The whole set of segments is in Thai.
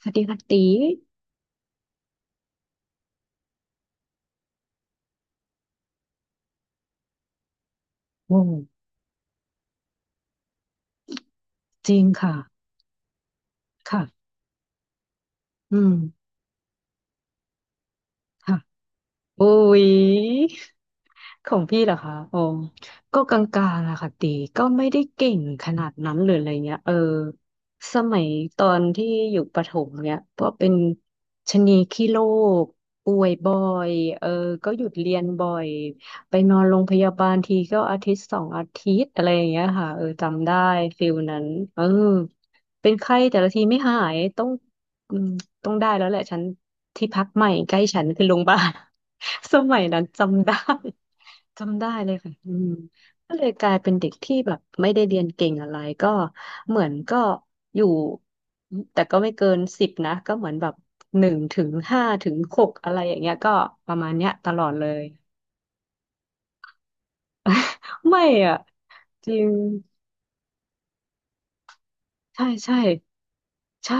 สวัสดีค่ะตีโอ้จริงค่ะค่ะอืมค่ะโอ้ย ของพี่เหรอคะโอ้ก็กลางๆอะค่ะตีก็ไม่ได้เก่งขนาดนั้นหรืออะไรเงี้ยเออสมัยตอนที่อยู่ประถมเนี้ยก็เป็นชะนีขี้โรคป่วยบ่อยเออก็หยุดเรียนบ่อย ไปนอนโรงพยาบาลทีก็อาทิตย์สองอาทิตย์อะไรอย่างเงี้ยค่ะเออจำได้ฟิลนั้นเออเป็นไข้แต่ละทีไม่หายต้องอืมต้องได้แล้วแหละฉันที่พักใหม่ใกล้ฉันคือโรงพยาบาล สมัยนั้นจำได้จำได้เลยค่ะอืมก็เลยกลายเป็นเด็กที่แบบไม่ได้เรียนเก่งอะไรก็เหมือนก็อยู่แต่ก็ไม่เกิน10นะก็เหมือนแบบหนึ่งถึงห้าถึงหกอะไรอย่างเงี้ยก็ประมาณเนี้ยตลอดเลย ไม่อ่ะจริง ใช่ใช่ใช่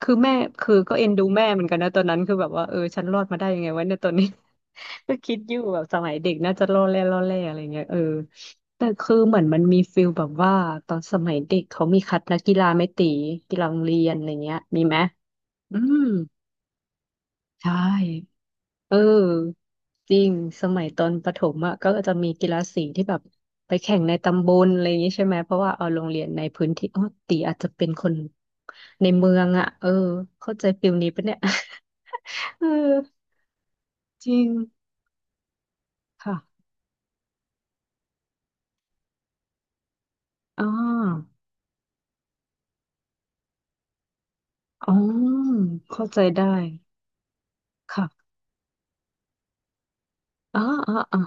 คือแม่คือก็เอ็นดูแม่เหมือนกันนะตอนนั้นคือแบบว่าเออฉันรอดมาได้ยังไงวะเนี่ยตอนนี้ ก็คิดอยู่แบบสมัยเด็กน่าจะล่อแร่ล่อแร่อะไรเงี้ยเออแต่คือเหมือนมันมีฟิลแบบว่าตอนสมัยเด็กเขามีคัดนักกีฬาไหม่ตีกีฬาโรงเรียนอะไรเงี้ยมีไหมอืมใช่ เออจริงสมัยตอนประถมอ่ะก็จะมีกีฬาสีที่แบบไปแข่งในตำบลอะไรอย่างนี้ใช่ไหมเพราะว่าเอาโรงเรียนในพื้นที่อ๋อตีอาจจะเป็นคนในเมืองอ่ะเออเข้าใจฟิลนี้ปะเนี่ย เออจริงค่ะอ๋ออ๋อเข้าใจได้ค่ะอ๋ออ๋ออ๋อ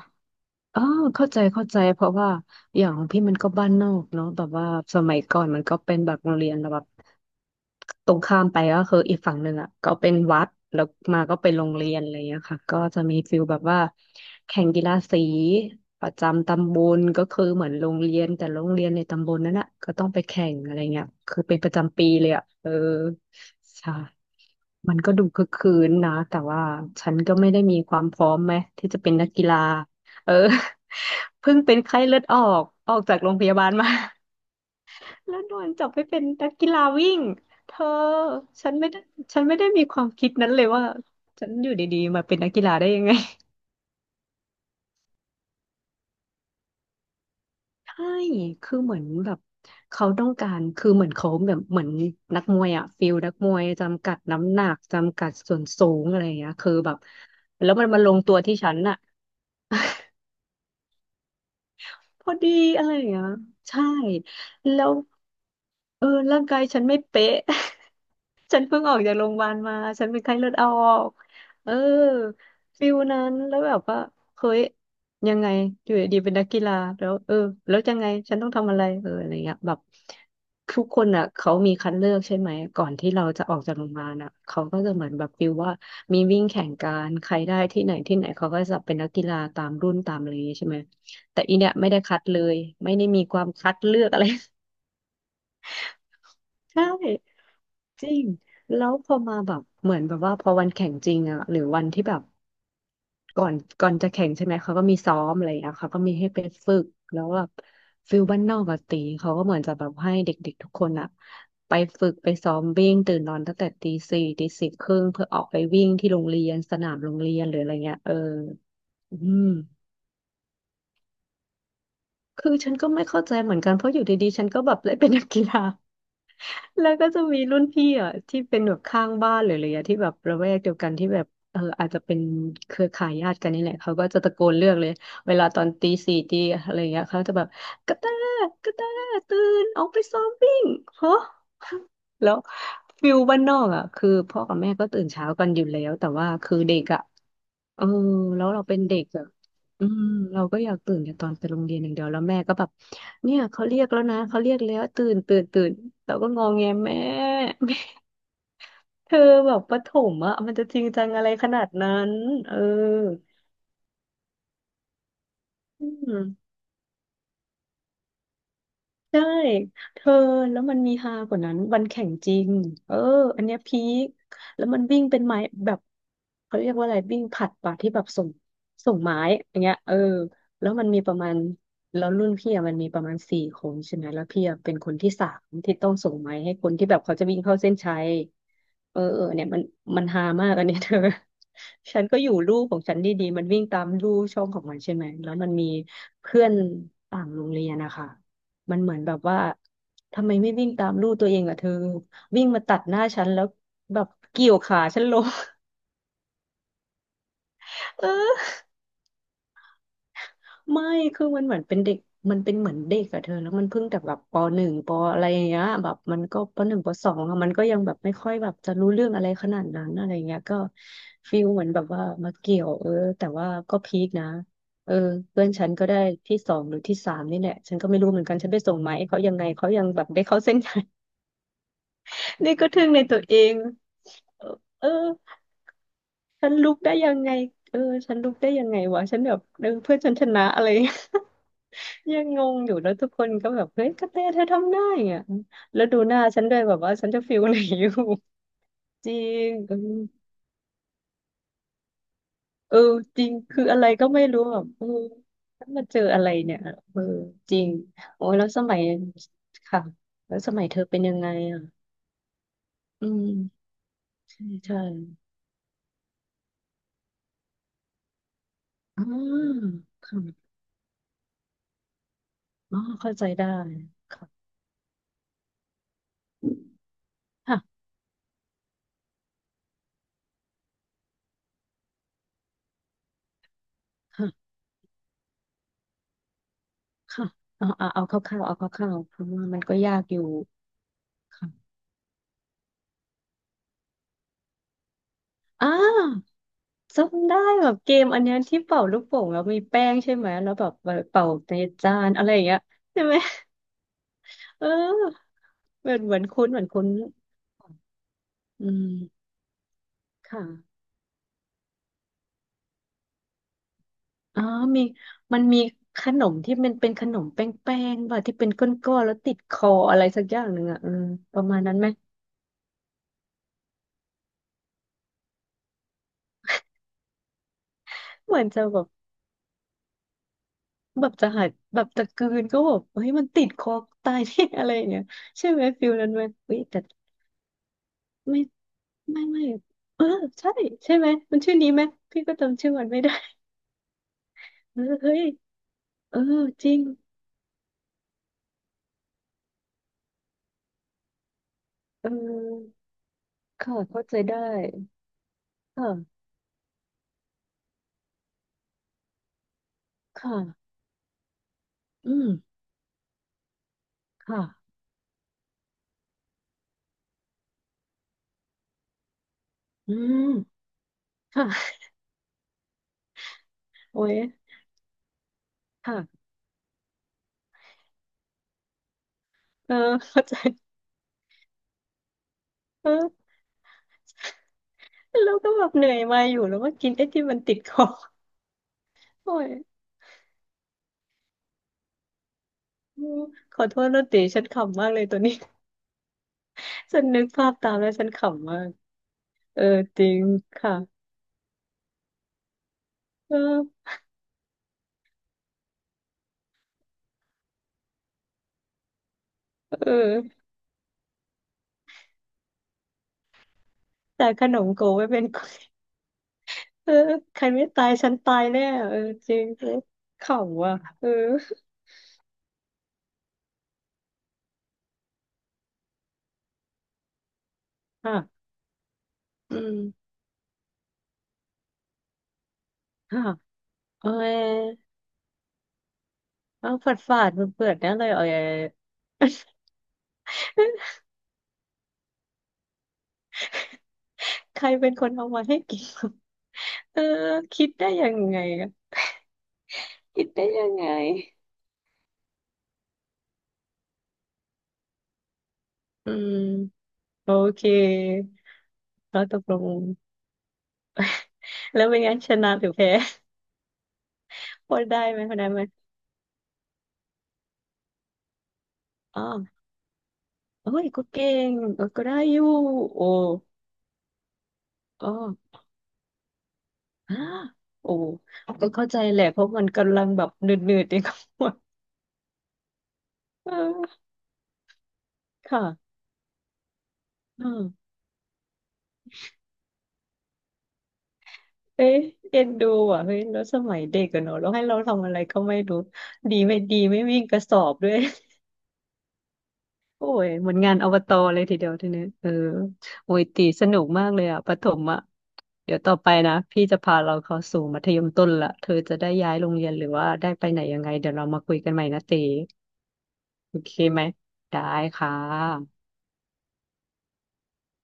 เออเข้าใจเข้าใจเพราะว่าอย่างของพี่มันก็บ้านนอกเนาะแบบว่าสมัยก่อนมันก็เป็นแบบโรงเรียนแบบตรงข้ามไปก็คืออีกฝั่งหนึ่งอ่ะก็เป็นวัดแล้วมาก็เป็นโรงเรียนอะไรอย่างเงี้ยค่ะก็จะมีฟิลแบบว่าแข่งกีฬาสีประจำตำบลก็คือเหมือนโรงเรียนแต่โรงเรียนในตำบลนั้นอ่ะก็ต้องไปแข่งอะไรเงี้ยคือเป็นประจำปีเลยอ่ะเออใช่มันก็ดูคึกคืนนะแต่ว่าฉันก็ไม่ได้มีความพร้อมไหมที่จะเป็นนักกีฬา เออ เพิ่งเป็นไข้เลือดออกออกจากโรงพยาบาลมา แล้วโดนจับไปเป็นนักกีฬาวิ่งเธอฉันไม่ได้ฉันไม่ได้มีความคิดนั้นเลยว่าฉันอยู่ดีๆมาเป็นนักกีฬาได้ยังไง ใช่คือเหมือนแบบเขาต้องการคือเหมือนเขาแบบเหมือนนักมวยอะฟิลนักมวยจำกัดน้ำหนักจำกัดส่วนสูงอะไรอย่างเงี้ยคือแบบแล้วมันมาลงตัวที่ฉันอะพอดีอะไรอย่างเงี้ยใช่แล้วเออร่างกายฉันไม่เป๊ะ ฉันเพิ่งออกจากโรงพยาบาลมา ฉันเป็นไข้เลือดออกเออฟิลนั้นแล้วแบบว่าเฮ้ยยังไงอยู่ดีๆเป็นนักกีฬาแล้วเออแล้วยังไงฉันต้องทำอะไรเอออะไรเงี้ยแบบทุกคนอ่ะเขามีคัดเลือกใช่ไหมก่อนที่เราจะออกจากโรงพยาบาลอ่ะเขาก็จะเหมือนแบบฟิลว่ามีวิ่งแข่งกันใครได้ที่ไหนที่ไหนเขาก็จะเป็นนักกีฬาตามรุ่นตามอะไรอย่างงี้ใช่ไหมแต่อีเนี่ยไม่ได้คัดเลย ไม่ได้มีความคัดเลือกอะไร ใช่ จริงแล้วพอมาแบบเหมือนแบบว่าพอวันแข่งจริงอะหรือวันที่แบบก่อนก่อนจะแข่งใช่ไหมเขาก็มีซ้อมอะไรอย่างเงี้ยเขาก็มีให้ไปฝึกแล้วแบบฟิลบ้านนอกอะตีเขาก็เหมือนจะแบบให้เด็กๆทุกคนอะไปฝึกไปซ้อมวิ่งตื่นนอนตั้งแต่ตีสี่ตี 4 ครึ่งเพื่อออกไปวิ่งที่โรงเรียนสนามโรงเรียนหรืออะไรเงี้ยเอออืมคือฉันก็ไม่เข้าใจเหมือนกันเพราะอยู่ดีๆฉันก็แบบได้เป็นนักกีฬา แล้วก็จะมีรุ่นพี่อ่ะที่เป็นแบบข้างบ้านหรืออะไรอย่างเงี้ยที่แบบระแวกเดียวกันที่แบบเอออาจจะเป็นเครือข่ายญาติกันนี่แหละเขาก็จะตะโกนเรียกเลยเวลาตอนตีสี่ตีอะไรอย่างเงี้ยเขาจะแบบกระแตกระแตตื่นออกไปซ้อมวิ่งฮะแล้วฟิลบ้านนอกอ่ะคือพ่อกับแม่ก็ตื่นเช้ากันอยู่แล้วแต่ว่าคือเด็กอ่ะ เออแล้วเราเป็นเด็กอะอืมเราก็อยากตื่นแต่ตอนไปโรงเรียนอย่างเดียวแล้วแม่ก็แบบเนี่ยเขาเรียกแล้วนะเขาเรียกแล้วตื่นตื่นตื่นเราก็งอแงแม่ เธอแบบประถมอะมันจะจริงจังอะไรขนาดนั้นเอออืม ใช่เธอแล้วมันมีฮากว่านั้นวันแข่งจริงเอออันเนี้ยพีคแล้วมันวิ่งเป็นไม้แบบเขาเรียกว่าอะไรวิ่งผลัดป่ะที่แบบส่งไม้อย่างเงี้ยเออแล้วมันมีประมาณแล้วรุ่นพี่อะมันมีประมาณสี่คนใช่ไหมแล้วพี่อะเป็นคนที่สามที่ต้องส่งไม้ให้คนที่แบบเขาจะวิ่งเข้าเส้นชัยเออเออเนี่ยมันฮามากอันเนี้ยเธอ ฉันก็อยู่ลู่ของฉันดีๆมันวิ่งตามลู่ช่องของมันใช่ไหมแล้วมันมีเพื่อนต่างโรงเรียนนะคะ มันเหมือนแบบว่าทำไมไม่วิ่งตามลูกตัวเองอะเธอวิ่งมาตัดหน้าฉันแล้วแบบเกี่ยวขาฉันล้ม เออไม่คือมันเหมือนเป็นเด็กมันเป็นเหมือนเด็กอะเธอแล้วมันเพิ่งแต่แบบปหนึ่งปอะไรอย่างเงี้ยแบบมันก็ปหนึ่งปสองอะมันก็ยังแบบไม่ค่อยแบบจะรู้เรื่องอะไรขนาดนั้นอะไรเงี้ยก็ฟีลเหมือนแบบว่ามาเกี่ยวเออแต่ว่าก็พีคนะเออเพื่อนฉันก็ได้ที่สองหรือที่สามนี่แหละฉันก็ไม่รู้เหมือนกันฉันไปส่งไหมเขายังไงเขายังแบบได้เข้าเส้นใย นี่ก็ทึ่งในตัวเองเออเออฉันลุกได้ยังไงเออฉันลุกได้ยังไงวะฉันแบบเออเพื่อนฉันชนะอะไร ยังงงอยู่แล้วทุกคนก็แบบเฮ้ยกระแตเธอทำได้อ่ะแล้วดูหน้าฉันด้วยแบบว่าฉันจะฟิลไหนอยู่ จริงเออเออจริงคืออะไรก็ไม่รู้แบบเออฉันมาเจออะไรเนี่ยเออจริงโอ้ยแล้วสมัยค่ะแล้วสมัยเธอเป็นยังไงอ่ะอืมใช่ใช่อ๋อค่ะ อ๋อเข้าใจได้ค่ะค่ะค่ะค่ะเอาเอาเอาคร่าวๆเอาคร่าวๆเพราะว่ามันก็ยากอยู่ค่ะอ่าจำได้แบบเกมอันเนี้ยที่เป่าลูกโป่งแล้วมีแป้งใช่ไหมแล้วแบบเป่าในจานอะไรอย่างเงี้ยใช่ไหมเออเหมือนเหมือนคุ้นเหมือนคุ้นอืมค่ะอ๋อมีมันมีขนมที่มันเป็นขนมแป้งๆป่ะที่เป็นก้อนๆแล้วติดคออะไรสักอย่างหนึ่งอ่ะอืมประมาณนั้นไหมเหมือนจะแบบ แบบจะหายแบบจะกลืนก็แบบเฮ้ยมันติดคอตายที่ อะไรอย่างเงี้ยใช่ไหมฟิลนั้นไหมเฮ้ยแต่ไม่ไม่ไม่เออใช่ใช่ไหมมันชื่อนี้ไหมพี่ก็จำชื่อมันไม่ได้ เออเฮ้ยเออจริงเออค่ะเข้าใจได้ค่ะค่ะอืมค่ะอืมค่ะโอ้ยค่ะเออเข้าใจเออแล้วก็แบบเหนื่อยมาอยู่แล้วว่ากินไอ้ที่มันติดคอโอ้ยอืมขอโทษนะติฉันขำมากเลยตัวนี้ ฉันนึกภาพตามแล้วฉันขำมากเออจริงค่ะเออเออแต่ขนมโกไว้เป็น เออใครไม่ตายฉันตายแน่เออจริงเออขำว่ะเอออ่ะอืมอ่ะเออเอาฝาดฝาดเปิดๆนั่นเลยเออ ใครเป็นคนเอามาให้กิน เออคิดได้ยังไงอะคิดได้ยังไงอืมโอเคแล้วตกลงแล้วเป็นไงชนะหรือแพ้ พอได้ไหมพอได้ไหมอ๋อ เอ้ยก็เก่งเออก็ได้อยู่โอ้อ๋ออ่าโอ้ก็เข้าใจแหละเพราะมันกำลังแบบเหนื่อยๆเอง เออค่ะเออเอ๊ะเอ็นดูอ่ะเฮ้ยแล้วสมัยเด็กกันเนอะแล้วให้เราทำอะไรก็ไม่รู้ดีไม่ดีไม่วิ่งกระสอบด้วย โอ้ยเหมือนงานอบตเลยทีเดียวทีนี้เออโอ้ยตีสนุกมากเลยอ่ะประถมอ่ะเดี๋ยวต่อไปนะพี่จะพาเราเข้าสู่มัธยมต้นละเธอจะได้ย้ายโรงเรียนหรือว่าได้ไปไหนยังไงเดี๋ยวเรามาคุยกันใหม่นะตี โอเคไหม ได้ค่ะ